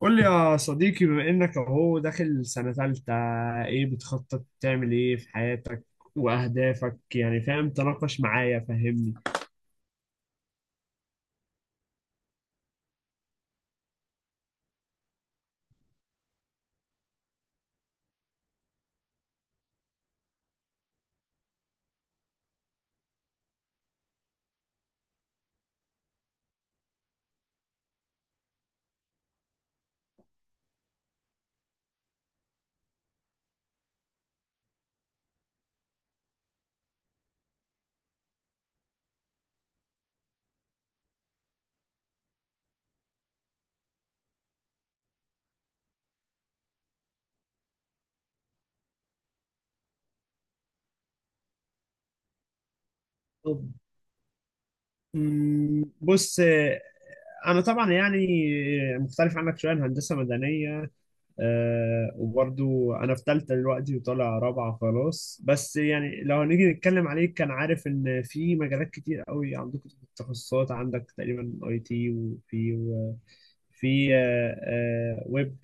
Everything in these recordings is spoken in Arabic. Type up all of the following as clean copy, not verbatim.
قول لي يا صديقي، بما انك اهو داخل سنة تالتة، ايه بتخطط تعمل ايه في حياتك واهدافك؟ يعني فاهم؟ تناقش معايا، فهمني. طب، بص، انا طبعا يعني مختلف عنك شوية. أنا هندسة مدنية. آه، وبرضو انا في تالتة دلوقتي وطالع رابعة خلاص. بس يعني لو هنيجي نتكلم عليه، كان عارف ان في مجالات كتير قوي عندكم. تخصصات عندك تقريبا اي تي، في ويب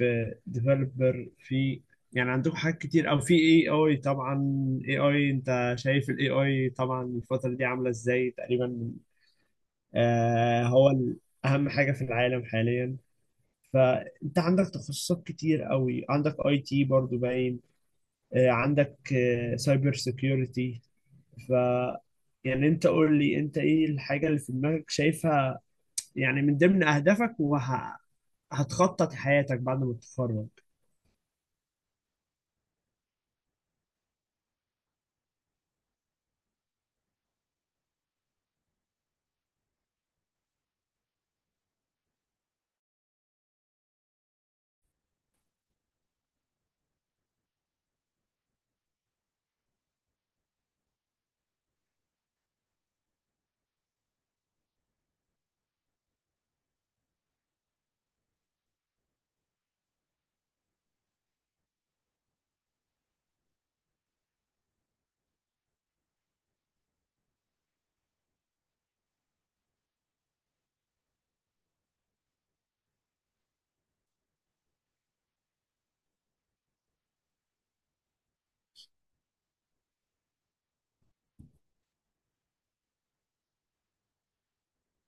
ديفلوبر، في يعني عندكم حاجات كتير، او في اي اي طبعا. اي اي، انت شايف الاي اي طبعا الفترة دي عاملة ازاي تقريبا؟ آه هو ال- اهم حاجة في العالم حاليا. فانت عندك تخصصات كتير قوي، عندك اي تي برضو باين، عندك سايبر سيكيورتي. ف يعني انت قول لي، انت ايه الحاجة اللي في دماغك شايفها يعني من ضمن اهدافك، وهتخطط حياتك بعد ما تتخرج؟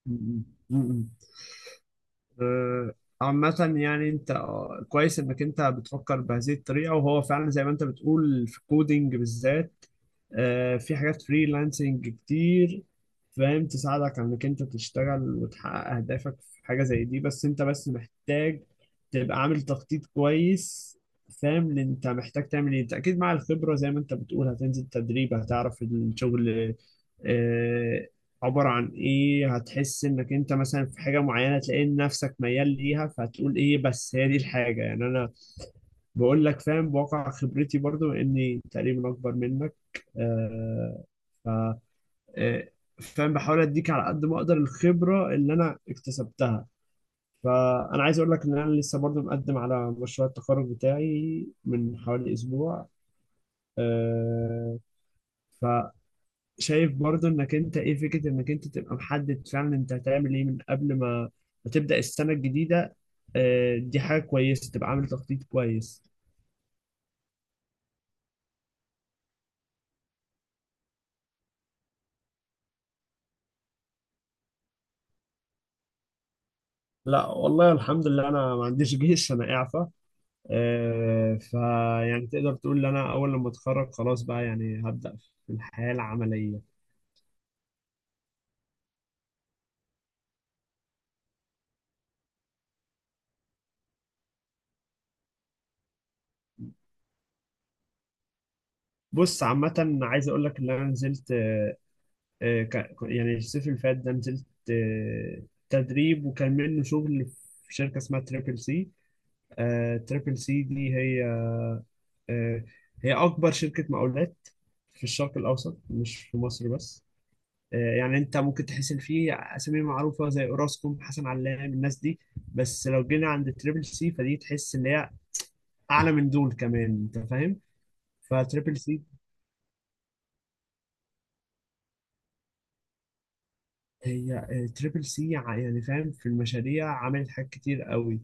م- م- م- م. آه، عامة يعني انت، كويس انك انت بتفكر بهذه الطريقة. وهو فعلا زي ما انت بتقول، في الكودينج بالذات، في حاجات فريلانسنج كتير، فاهم، تساعدك على انك انت تشتغل وتحقق اهدافك في حاجة زي دي. بس انت بس محتاج تبقى عامل تخطيط كويس، فاهم اللي انت محتاج تعمل ايه. انت اكيد مع الخبرة، زي ما انت بتقول هتنزل تدريب، هتعرف الشغل آه، عبر عن ايه، هتحس انك انت مثلا في حاجه معينه، تلاقي إن نفسك ميال ليها، فهتقول ايه، بس هي دي الحاجه. يعني انا بقول لك، فاهم، بواقع خبرتي برضو اني تقريبا اكبر منك. آه ف آه، فاهم، بحاول اديك على قد ما اقدر الخبره اللي انا اكتسبتها. فانا عايز اقول لك ان انا لسه برضو مقدم على مشروع التخرج بتاعي من حوالي اسبوع. آه، شايف برضو انك انت ايه فكرة انك انت تبقى محدد فعلا انت هتعمل ايه من قبل ما تبدأ السنة الجديدة. آه، دي حاجة كويسة تبقى عامل تخطيط كويس. لا والله، الحمد لله انا ما عنديش جيش، انا اعفى. فيعني تقدر تقول ان انا اول لما اتخرج خلاص، بقى يعني هبدأ في الحياة العملية. بص عامة، عايز اقول لك ان انا نزلت، يعني الصيف اللي فات ده، نزلت آه، تدريب وكان منه شغل في شركة اسمها تريبل سي. تريبل سي دي هي، آه، هي أكبر شركة مقاولات في الشرق الأوسط، مش في مصر بس. يعني أنت ممكن تحس إن في أسامي معروفة زي أوراسكوم، حسن علام، الناس دي، بس لو جينا عند تريبل سي فدي تحس إن هي أعلى من دول كمان. أنت فاهم؟ فتريبل سي هي آه، تريبل سي يعني فاهم، في المشاريع عملت حاجات كتير قوي.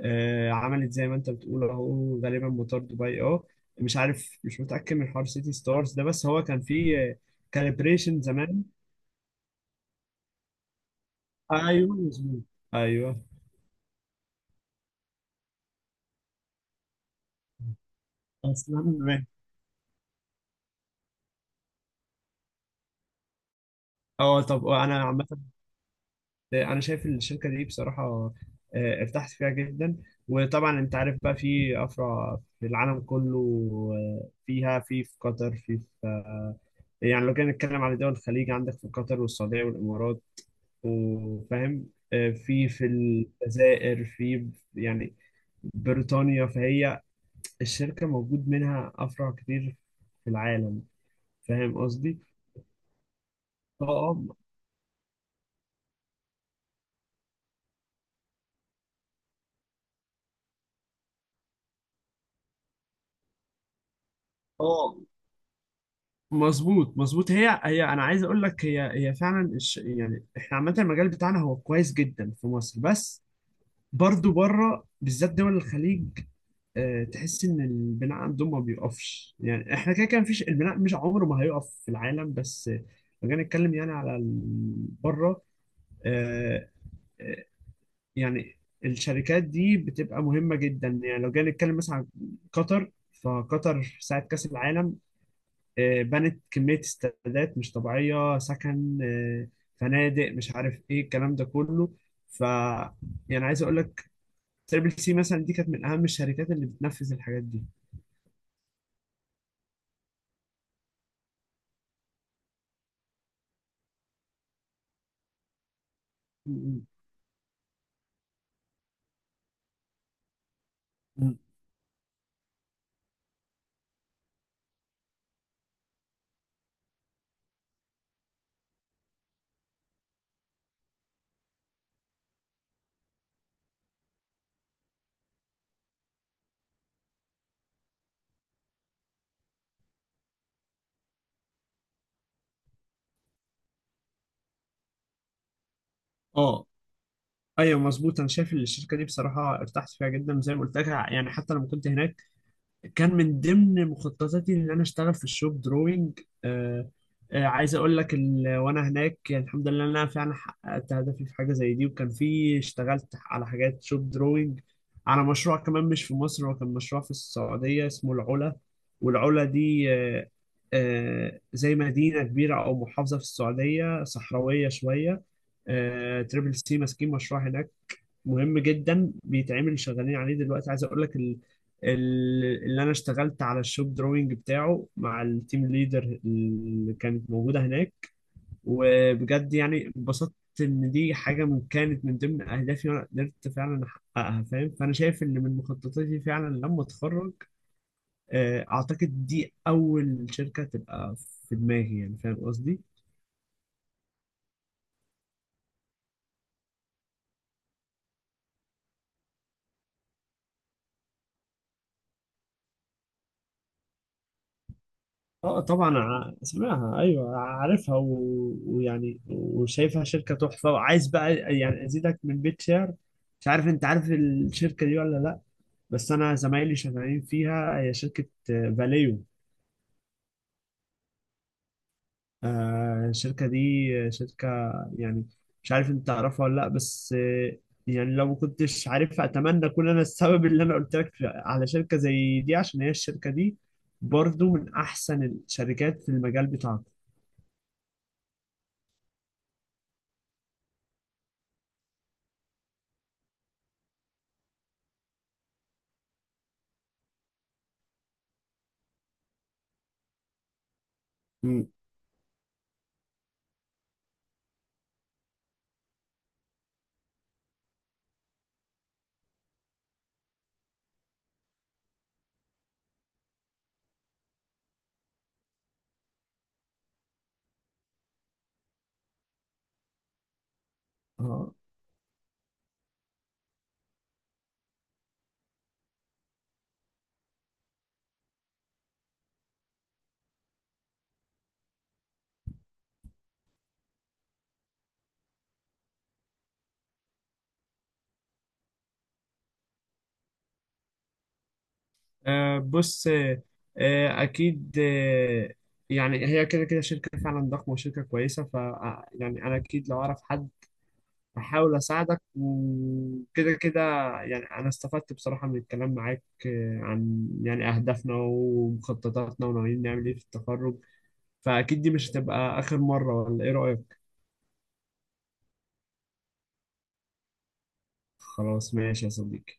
آه، عملت زي ما انت بتقول اهو، غالبا موتور دبي، اه مش عارف، مش متأكد من حوار سيتي ستارز ده، بس هو كان فيه كاليبريشن زمان. ايوه مظبوط، ايوه. اصلا ما- اه طب انا عامه، انا شايف الشركه دي بصراحه، ارتحت فيها جدا. وطبعا انت عارف بقى في افرع في العالم كله، فيها في في قطر، في في آه، يعني لو جينا نتكلم على دول الخليج، عندك في قطر والسعوديه والامارات، وفاهم، في في الجزائر، في يعني بريطانيا. فهي الشركة موجود منها أفرع كتير في العالم. فاهم قصدي؟ اه، اه. آه، مظبوط مظبوط، هي انا عايز اقول لك، هي فعلا الش... يعني احنا عامه المجال بتاعنا هو كويس جدا في مصر، بس برضو بره بالذات دول الخليج، تحس ان البناء عندهم ما بيقفش. يعني احنا كده كده، مفيش، البناء مش عمره ما هيقف في العالم، بس لو جينا نتكلم يعني على ال- بره، آه، آه، يعني الشركات دي بتبقى مهمة جدا. يعني لو جينا نتكلم مثلا عن قطر، فقطر في ساعة كأس العالم، بنت كمية استادات مش طبيعية، سكن، فنادق، مش عارف ايه الكلام ده كله. ف يعني عايز اقول لك، تريبل سي مثلا دي كانت من اهم الشركات اللي بتنفذ الحاجات دي. اه، ايوه مظبوط. انا شايف ان الشركه دي بصراحه، ارتحت فيها جدا زي ما قلت لك. يعني حتى لما كنت هناك، كان من ضمن مخططاتي ان انا اشتغل في الشوب دروينج. آه عايز اقول لك، وانا هناك يعني الحمد لله ان انا فعلا حققت هدفي في حاجه زي دي، وكان في، اشتغلت على حاجات شوب دروينج على مشروع كمان مش في مصر. هو كان مشروع في السعوديه اسمه العلا. والعلا دي زي مدينه كبيره او محافظه في السعوديه، صحراويه شويه. تريبل سي ماسكين مشروع هناك مهم جدا، بيتعمل، شغالين عليه دلوقتي. عايز اقول لك اللي انا اشتغلت على الشوب دروينج بتاعه مع التيم ليدر اللي كانت موجوده هناك. وبجد يعني اتبسطت ان دي حاجه كانت من ضمن اهدافي وانا قدرت فعلا احققها، فاهم؟ فانا شايف ان من مخططاتي فعلا لما اتخرج، اعتقد دي اول شركه تبقى في دماغي. يعني فاهم قصدي؟ اه طبعا، سمعها، ايوه عارفها، و... ويعني وشايفها شركه تحفه، وعايز بقى يعني ازيدك من بيت شعر. مش عارف انت عارف الشركه دي ولا لا، بس انا زمايلي شغالين فيها. هي شركه فاليو. آه، الشركه دي آه، شركه يعني مش عارف انت تعرفها ولا لا، بس يعني لو ما كنتش عارفها، اتمنى اكون انا السبب اللي انا قلت لك على شركه زي دي، عشان هي الشركه دي برضو من احسن الشركات في المجال بتاعك. مم. آه، بص آه، آه، اكيد آه، يعني هي كده كده شركه فعلا ضخمه وشركه كويسه. ف يعني انا اكيد لو اعرف حد احاول اساعدك، وكده كده. يعني انا استفدت بصراحه من الكلام معاك، عن يعني اهدافنا ومخططاتنا وناويين نعمل ايه في التخرج. فاكيد دي مش هتبقى اخر مره، ولا ايه رايك؟ خلاص ماشي يا صديقي.